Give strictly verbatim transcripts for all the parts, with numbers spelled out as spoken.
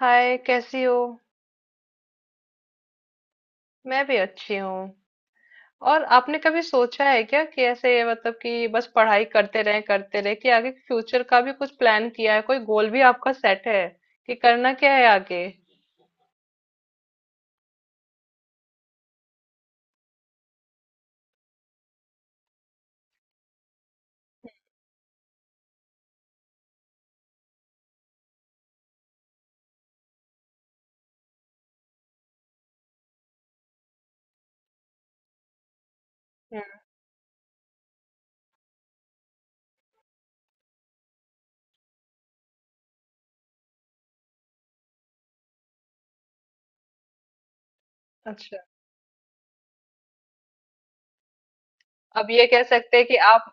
हाय, कैसी हो। मैं भी अच्छी हूँ। और आपने कभी सोचा है क्या कि ऐसे मतलब कि बस पढ़ाई करते रहे करते रहे कि आगे फ्यूचर का भी कुछ प्लान किया है, कोई गोल भी आपका सेट है कि करना क्या है आगे। हम्म। अच्छा, अब ये कह सकते हैं कि आप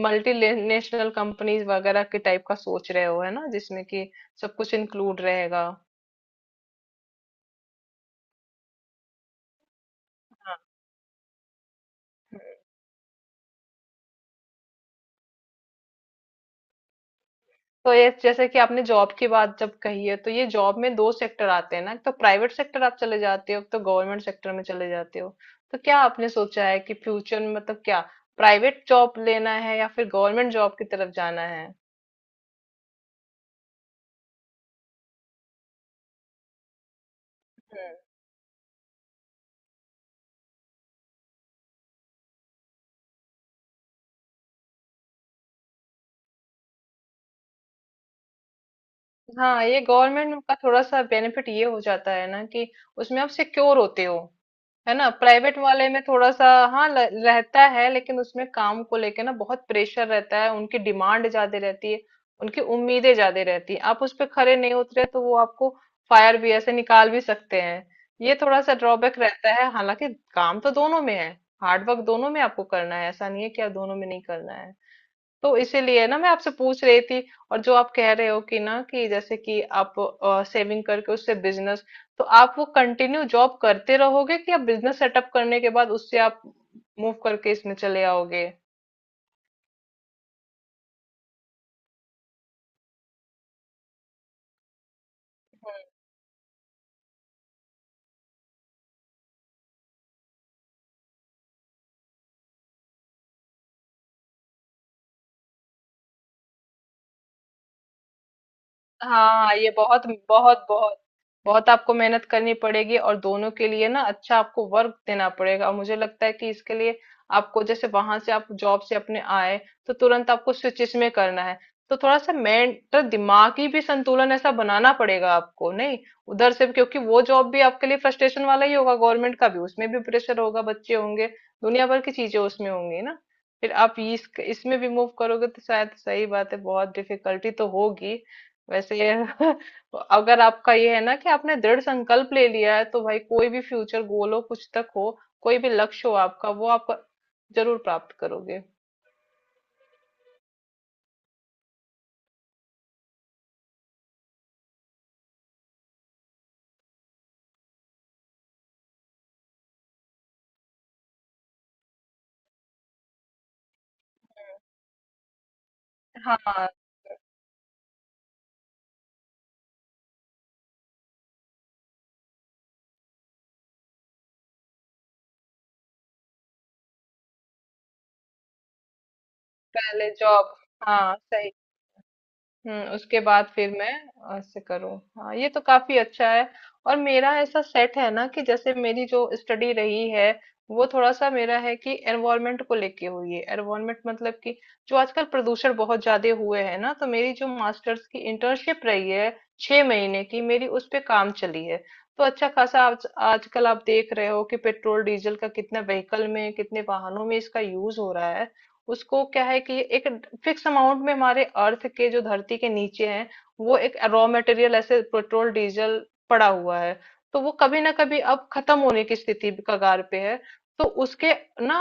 मल्टी नेशनल कंपनीज वगैरह के टाइप का सोच रहे हो, है ना, जिसमें कि सब कुछ इंक्लूड रहेगा। हाँ, तो ये जैसे कि आपने जॉब की बात जब कही है, तो ये जॉब में दो सेक्टर आते हैं ना, एक तो प्राइवेट सेक्टर आप चले जाते हो, एक तो गवर्नमेंट सेक्टर में चले जाते हो। तो क्या आपने सोचा है कि फ्यूचर में मतलब क्या प्राइवेट जॉब लेना है या फिर गवर्नमेंट जॉब की तरफ जाना है। हम्म। हाँ, ये गवर्नमेंट का थोड़ा सा बेनिफिट ये हो जाता है ना कि उसमें आप सिक्योर होते हो। है ना, प्राइवेट वाले में थोड़ा सा हाँ ल- रहता है, लेकिन उसमें काम को लेके ना बहुत प्रेशर रहता है, उनकी डिमांड ज्यादा रहती है, उनकी उम्मीदें ज्यादा रहती है। आप उस पर खरे नहीं उतरे तो वो आपको फायर भी ऐसे निकाल भी सकते हैं, ये थोड़ा सा ड्रॉबैक रहता है। हालांकि काम तो दोनों में है, हार्डवर्क दोनों में आपको करना है, ऐसा नहीं है कि आप दोनों में नहीं करना है। तो इसीलिए ना मैं आपसे पूछ रही थी। और जो आप कह रहे हो कि ना कि जैसे कि आप सेविंग करके उससे बिजनेस, तो आप वो कंटिन्यू जॉब करते रहोगे कि आप बिजनेस सेटअप करने के बाद उससे आप मूव करके इसमें चले आओगे। हाँ, ये बहुत बहुत बहुत बहुत आपको मेहनत करनी पड़ेगी, और दोनों के लिए ना अच्छा आपको वर्क देना पड़ेगा। और मुझे लगता है कि इसके लिए आपको जैसे वहां से आप जॉब से अपने आए तो तुरंत आपको स्विचिस में करना है, तो थोड़ा सा मेंटल, दिमागी भी संतुलन ऐसा बनाना पड़ेगा आपको। नहीं, उधर से क्योंकि वो जॉब भी आपके लिए फ्रस्ट्रेशन वाला ही होगा, गवर्नमेंट का भी, उसमें भी प्रेशर होगा, बच्चे होंगे, दुनिया भर की चीजें उसमें होंगी ना। फिर आप इस इसमें भी मूव करोगे, तो शायद सही बात है, बहुत डिफिकल्टी तो होगी वैसे। अगर आपका ये है ना कि आपने दृढ़ संकल्प ले लिया है, तो भाई कोई भी फ्यूचर गोल हो, कुछ तक हो, कोई भी लक्ष्य हो आपका, वो आप जरूर प्राप्त करोगे। हाँ, पहले जॉब। हाँ सही। हम्म, उसके बाद फिर मैं ऐसे करूँ। हाँ, ये तो काफी अच्छा है। और मेरा ऐसा सेट है ना कि जैसे मेरी जो स्टडी रही है, वो थोड़ा सा मेरा है कि एनवायरमेंट को लेके हुई है। एनवायरमेंट मतलब कि जो आजकल प्रदूषण बहुत ज्यादा हुए है ना, तो मेरी जो मास्टर्स की इंटर्नशिप रही है छह महीने की, मेरी उस पे काम चली है। तो अच्छा खासा आज आजकल आप देख रहे हो कि पेट्रोल डीजल का कितने व्हीकल में, कितने वाहनों में इसका यूज हो रहा है। उसको क्या है कि एक फिक्स अमाउंट में हमारे अर्थ के, जो धरती के नीचे है, वो एक रॉ मटेरियल ऐसे पेट्रोल डीजल पड़ा हुआ है, तो वो कभी ना कभी अब खत्म होने की स्थिति, कगार पे है। तो उसके ना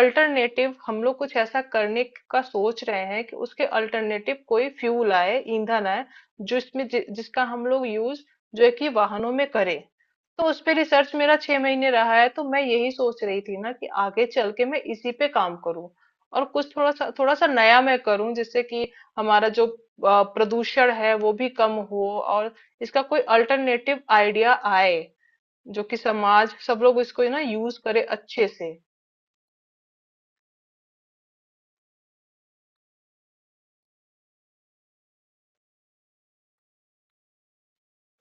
अल्टरनेटिव हम लोग कुछ ऐसा करने का सोच रहे हैं कि उसके अल्टरनेटिव कोई फ्यूल आए, ईंधन आए, जो इसमें जि, जिसका हम लोग यूज जो है कि वाहनों में करें। तो उस पे रिसर्च मेरा छह महीने रहा है, तो मैं यही सोच रही थी ना कि आगे चल के मैं इसी पे काम करूं, और कुछ थोड़ा सा थोड़ा सा नया मैं करूं जिससे कि हमारा जो अ, प्रदूषण है वो भी कम हो, और इसका कोई अल्टरनेटिव आइडिया आए जो कि समाज, सब लोग इसको ना यूज करे अच्छे से।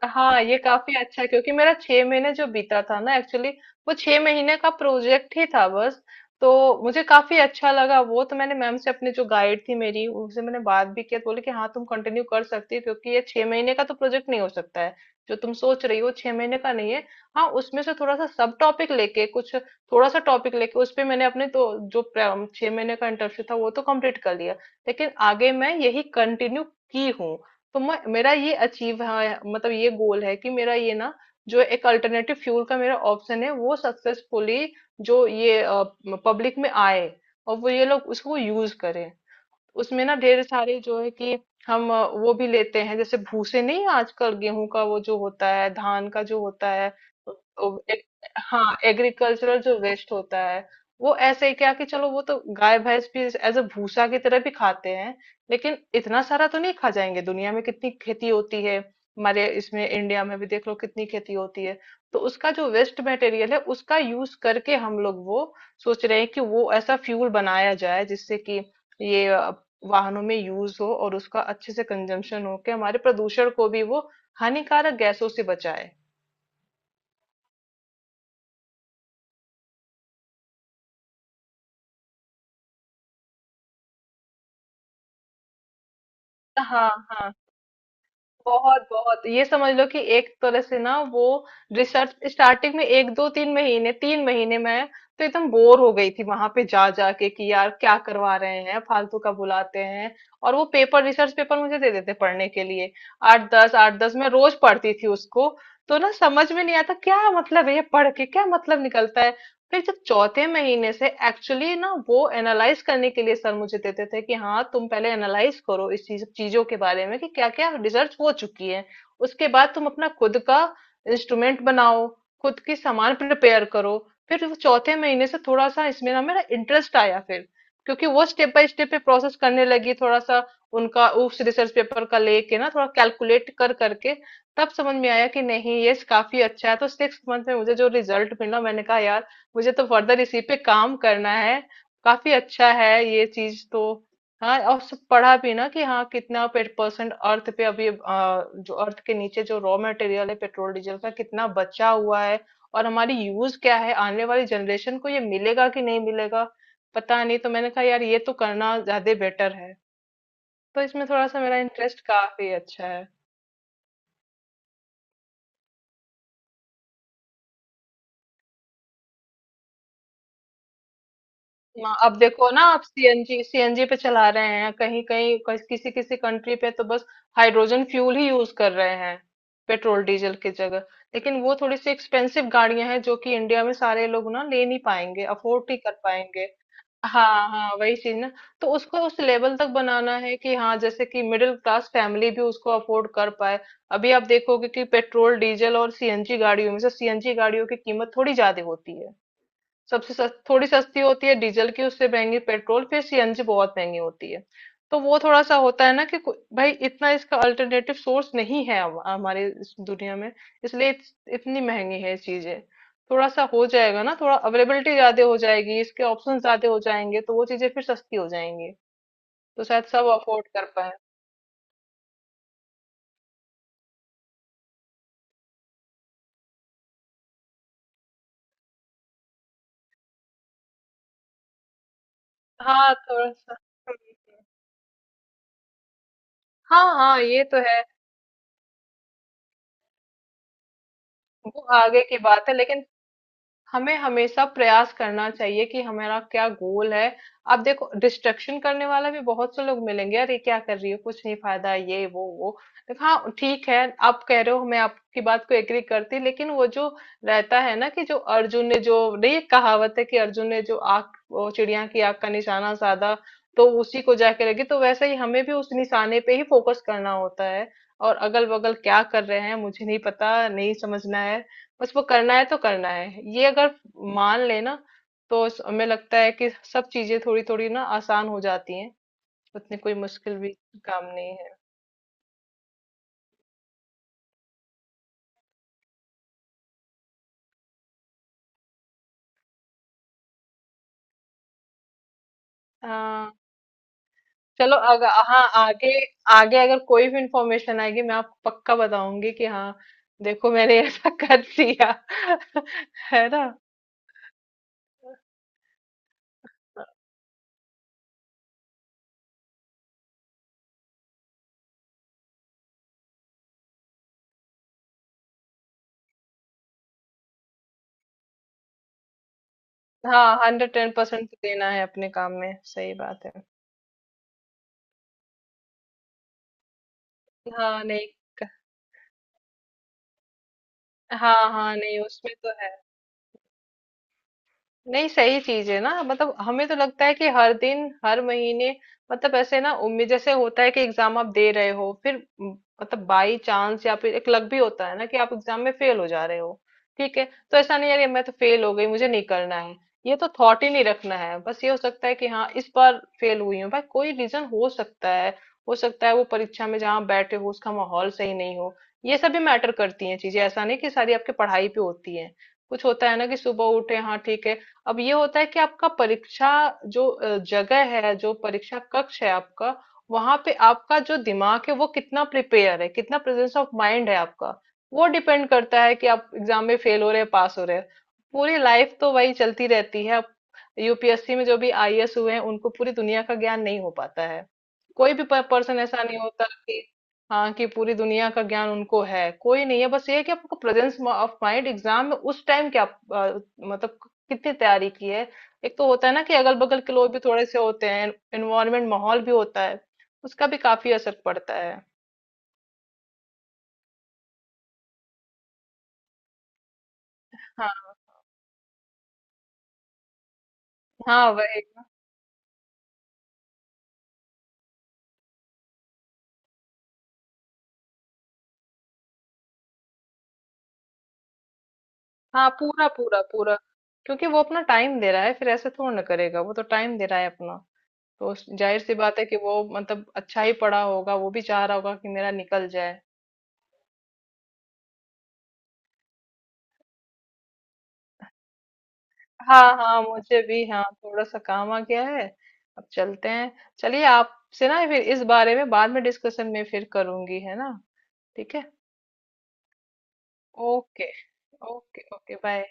हाँ, ये काफी अच्छा है, क्योंकि मेरा छह महीने जो बीता था ना, एक्चुअली वो छह महीने का प्रोजेक्ट ही था बस। तो मुझे काफी अच्छा लगा वो, तो मैंने मैम से, अपनी जो गाइड थी मेरी, उनसे मैंने बात भी किया, तो बोले कि हाँ तुम कंटिन्यू कर सकती हो, क्योंकि ये छह महीने का तो प्रोजेक्ट नहीं हो सकता है जो तुम सोच रही हो, छह महीने का नहीं है। हाँ, उसमें से थोड़ा सा सब टॉपिक लेके, कुछ थोड़ा सा टॉपिक लेके उस पे मैंने अपने तो जो प्र- छह महीने का इंटर्नशिप था वो तो कंप्लीट कर लिया, लेकिन आगे मैं यही कंटिन्यू की हूँ। तो मैं, मेरा ये अचीव है, मतलब ये गोल है कि मेरा ये ना, जो एक अल्टरनेटिव फ्यूल का मेरा ऑप्शन है वो सक्सेसफुली जो ये पब्लिक में आए, और वो ये लोग उसको यूज करें। उसमें ना ढेर सारे जो है कि हम अ, वो भी लेते हैं, जैसे भूसे नहीं, आजकल गेहूं का वो जो होता है, धान का जो होता है वो एक, हाँ एग्रीकल्चरल जो वेस्ट होता है, वो ऐसे ही क्या कि चलो वो तो गाय भैंस भी एज अ भूसा की तरह भी खाते हैं, लेकिन इतना सारा तो नहीं खा जाएंगे, दुनिया में कितनी खेती होती है, हमारे इसमें इंडिया में भी देख लो कितनी खेती होती है। तो उसका जो वेस्ट मटेरियल है उसका यूज करके हम लोग वो सोच रहे हैं कि वो ऐसा फ्यूल बनाया जाए जिससे कि ये वाहनों में यूज हो, और उसका अच्छे से कंजम्पशन हो के हमारे प्रदूषण को भी वो हानिकारक गैसों से बचाए। हाँ हाँ, बहुत बहुत, ये समझ लो कि एक तरह से ना, वो रिसर्च, स्टार्टिंग में एक दो तीन महीने, तीन महीने में तो एकदम बोर हो गई थी, वहां पे जा जाके कि यार क्या करवा रहे हैं, फालतू का बुलाते हैं, और वो पेपर, रिसर्च पेपर मुझे दे देते पढ़ने के लिए, आठ दस आठ दस मैं रोज पढ़ती थी उसको। तो ना समझ में नहीं आता क्या मतलब है, ये पढ़ के क्या मतलब निकलता है। फिर जब चौथे महीने से एक्चुअली ना वो एनालाइज करने के लिए सर मुझे देते थे कि हाँ तुम पहले एनालाइज करो इस चीज चीजों के बारे में कि क्या क्या रिसर्च हो चुकी है, उसके बाद तुम अपना खुद का इंस्ट्रूमेंट बनाओ, खुद की सामान प्रिपेयर करो। फिर वो चौथे महीने से थोड़ा सा इसमें ना मेरा इंटरेस्ट आया, फिर क्योंकि वो स्टेप बाय स्टेप पे प्रोसेस करने लगी थोड़ा सा उनका, उस रिसर्च पेपर का लेके ना थोड़ा कैलकुलेट कर करके तब समझ में आया कि नहीं ये काफी अच्छा है। तो सिक्स मंथ में मुझे जो रिजल्ट मिला, मैंने कहा यार मुझे तो फर्दर इसी पे काम करना है, काफी अच्छा है ये चीज तो। हाँ, और सब पढ़ा भी ना कि हाँ कितना परसेंट अर्थ पे अभी अ, जो अर्थ के नीचे जो रॉ मटेरियल है पेट्रोल डीजल का कितना बचा हुआ है, और हमारी यूज क्या है, आने वाली जनरेशन को ये मिलेगा कि नहीं मिलेगा पता नहीं। तो मैंने कहा यार ये तो करना ज्यादा बेटर है, तो इसमें थोड़ा सा मेरा इंटरेस्ट, काफी अच्छा है। हाँ, अब देखो ना आप सीएनजी, सीएनजी पे चला रहे हैं, कहीं कहीं कस- किसी किसी कंट्री पे तो बस हाइड्रोजन फ्यूल ही यूज कर रहे हैं पेट्रोल डीजल की जगह, लेकिन वो थोड़ी सी एक्सपेंसिव गाड़ियां हैं जो कि इंडिया में सारे लोग ना ले नहीं पाएंगे, अफोर्ड नहीं कर पाएंगे। हाँ हाँ, वही चीज ना, तो उसको उस लेवल तक बनाना है कि हाँ जैसे कि मिडिल क्लास फैमिली भी उसको अफोर्ड कर पाए। अभी आप देखोगे कि पेट्रोल डीजल और सीएनजी गाड़ियों में से सीएनजी गाड़ियों की कीमत थोड़ी ज्यादा होती है, सबसे सस, थोड़ी सस्ती होती है डीजल की, उससे महंगी पेट्रोल, फिर सीएनजी बहुत महंगी होती है। तो वो थोड़ा सा होता है ना कि कोई- भाई इतना इसका अल्टरनेटिव सोर्स नहीं है हम- हमारे इस दुनिया में, इसलिए इत- इतनी महंगी है चीजें। थोड़ा सा हो जाएगा ना, थोड़ा अवेलेबिलिटी ज्यादा हो जाएगी, इसके ऑप्शन ज्यादा हो जाएंगे, तो वो चीजें फिर सस्ती हो जाएंगी। तो शायद सब अफोर्ड कर पाए। हाँ, थोड़ा सा। हम्म। हम्म। हाँ हाँ, ये तो है। वो आगे की बात है, लेकिन हमें हमेशा प्रयास करना चाहिए कि हमारा क्या गोल है। आप देखो डिस्ट्रक्शन करने वाला भी बहुत से लोग मिलेंगे, अरे क्या कर रही हो, कुछ नहीं फायदा, ये वो वो। देखो, हाँ, ठीक है, आप कह रहे हो, मैं आपकी बात को एग्री करती, लेकिन वो जो रहता है ना कि जो अर्जुन ने जो, नहीं, एक कहावत है कि अर्जुन ने जो आग, वो चिड़िया की आग का निशाना साधा तो उसी को जाके लगी। तो वैसे ही हमें भी उस निशाने पे ही फोकस करना होता है, और अगल बगल क्या कर रहे हैं मुझे नहीं पता, नहीं समझना है। उसको करना है तो करना है, ये अगर मान लेना तो स- हमें लगता है कि सब चीजें थोड़ी थोड़ी ना आसान हो जाती हैं, उतनी कोई मुश्किल भी काम नहीं है। हाँ, चलो, अगर हाँ आगे, आगे अगर कोई भी इंफॉर्मेशन आएगी मैं आपको पक्का बताऊंगी कि हाँ देखो मैंने ऐसा कर दिया। है ना। हाँ, हंड्रेड टेन परसेंट देना है अपने काम में, सही बात है। हाँ नहीं। हाँ हाँ, नहीं, उसमें तो है। नहीं, सही चीज है ना, मतलब हमें तो लगता है कि हर दिन, हर महीने, मतलब ऐसे ना उम्मीद, जैसे होता है कि एग्जाम आप दे रहे हो, फिर म, मतलब बाई चांस, या फिर एक लक भी होता है ना कि आप एग्जाम में फेल हो जा रहे हो, ठीक है। तो ऐसा नहीं यार ये मैं तो फेल हो गई, मुझे नहीं करना है, ये तो थॉट ही नहीं रखना है। बस ये हो सकता है कि हाँ इस बार फेल हुई हूँ, भाई कोई रीजन हो सकता है, हो सकता है वो परीक्षा में जहाँ आप बैठे हो उसका माहौल सही नहीं हो। ये सब भी मैटर करती हैं चीजें, ऐसा नहीं कि सारी आपकी पढ़ाई पे होती है। कुछ होता है ना कि सुबह उठे हाँ ठीक है, अब ये होता है कि आपका परीक्षा जो अ, जगह है, जो परीक्षा कक्ष है आपका, वहां पे आपका जो दिमाग है वो कितना प्रिपेयर है, कितना प्रेजेंस ऑफ माइंड है आपका, वो डिपेंड करता है कि आप एग्जाम में फेल हो रहे हैं, पास हो रहे हैं। पूरी लाइफ तो वही चलती रहती है अब। यूपीएससी में जो भी आईएएस हुए हैं उनको पूरी दुनिया का ज्ञान नहीं हो पाता है, कोई भी पर्सन ऐसा नहीं होता कि हाँ कि पूरी दुनिया का ज्ञान उनको है, कोई नहीं है। बस ये है कि आपको प्रेजेंस ऑफ माइंड एग्जाम में उस टाइम क्या आप, अ, मतलब कितनी तैयारी की है। एक तो होता है ना कि अगल बगल के लोग भी थोड़े से होते हैं, एनवायरमेंट माहौल भी होता है, उसका भी काफी असर पड़ता है। हाँ हाँ, वही। हाँ, पूरा पूरा पूरा, क्योंकि वो अपना टाइम दे रहा है, फिर ऐसे थोड़ा ना करेगा, वो तो टाइम दे रहा है अपना, तो उस, जाहिर सी बात है कि वो मतलब अच्छा ही पढ़ा होगा, वो भी चाह रहा होगा कि मेरा निकल जाए। हाँ हाँ, मुझे भी हाँ थोड़ा सा काम आ गया है, अब चलते हैं। चलिए, आपसे ना फिर इस बारे में बाद में डिस्कशन में फिर करूंगी, है ना। ठीक है। ओके। Okay okay, bye.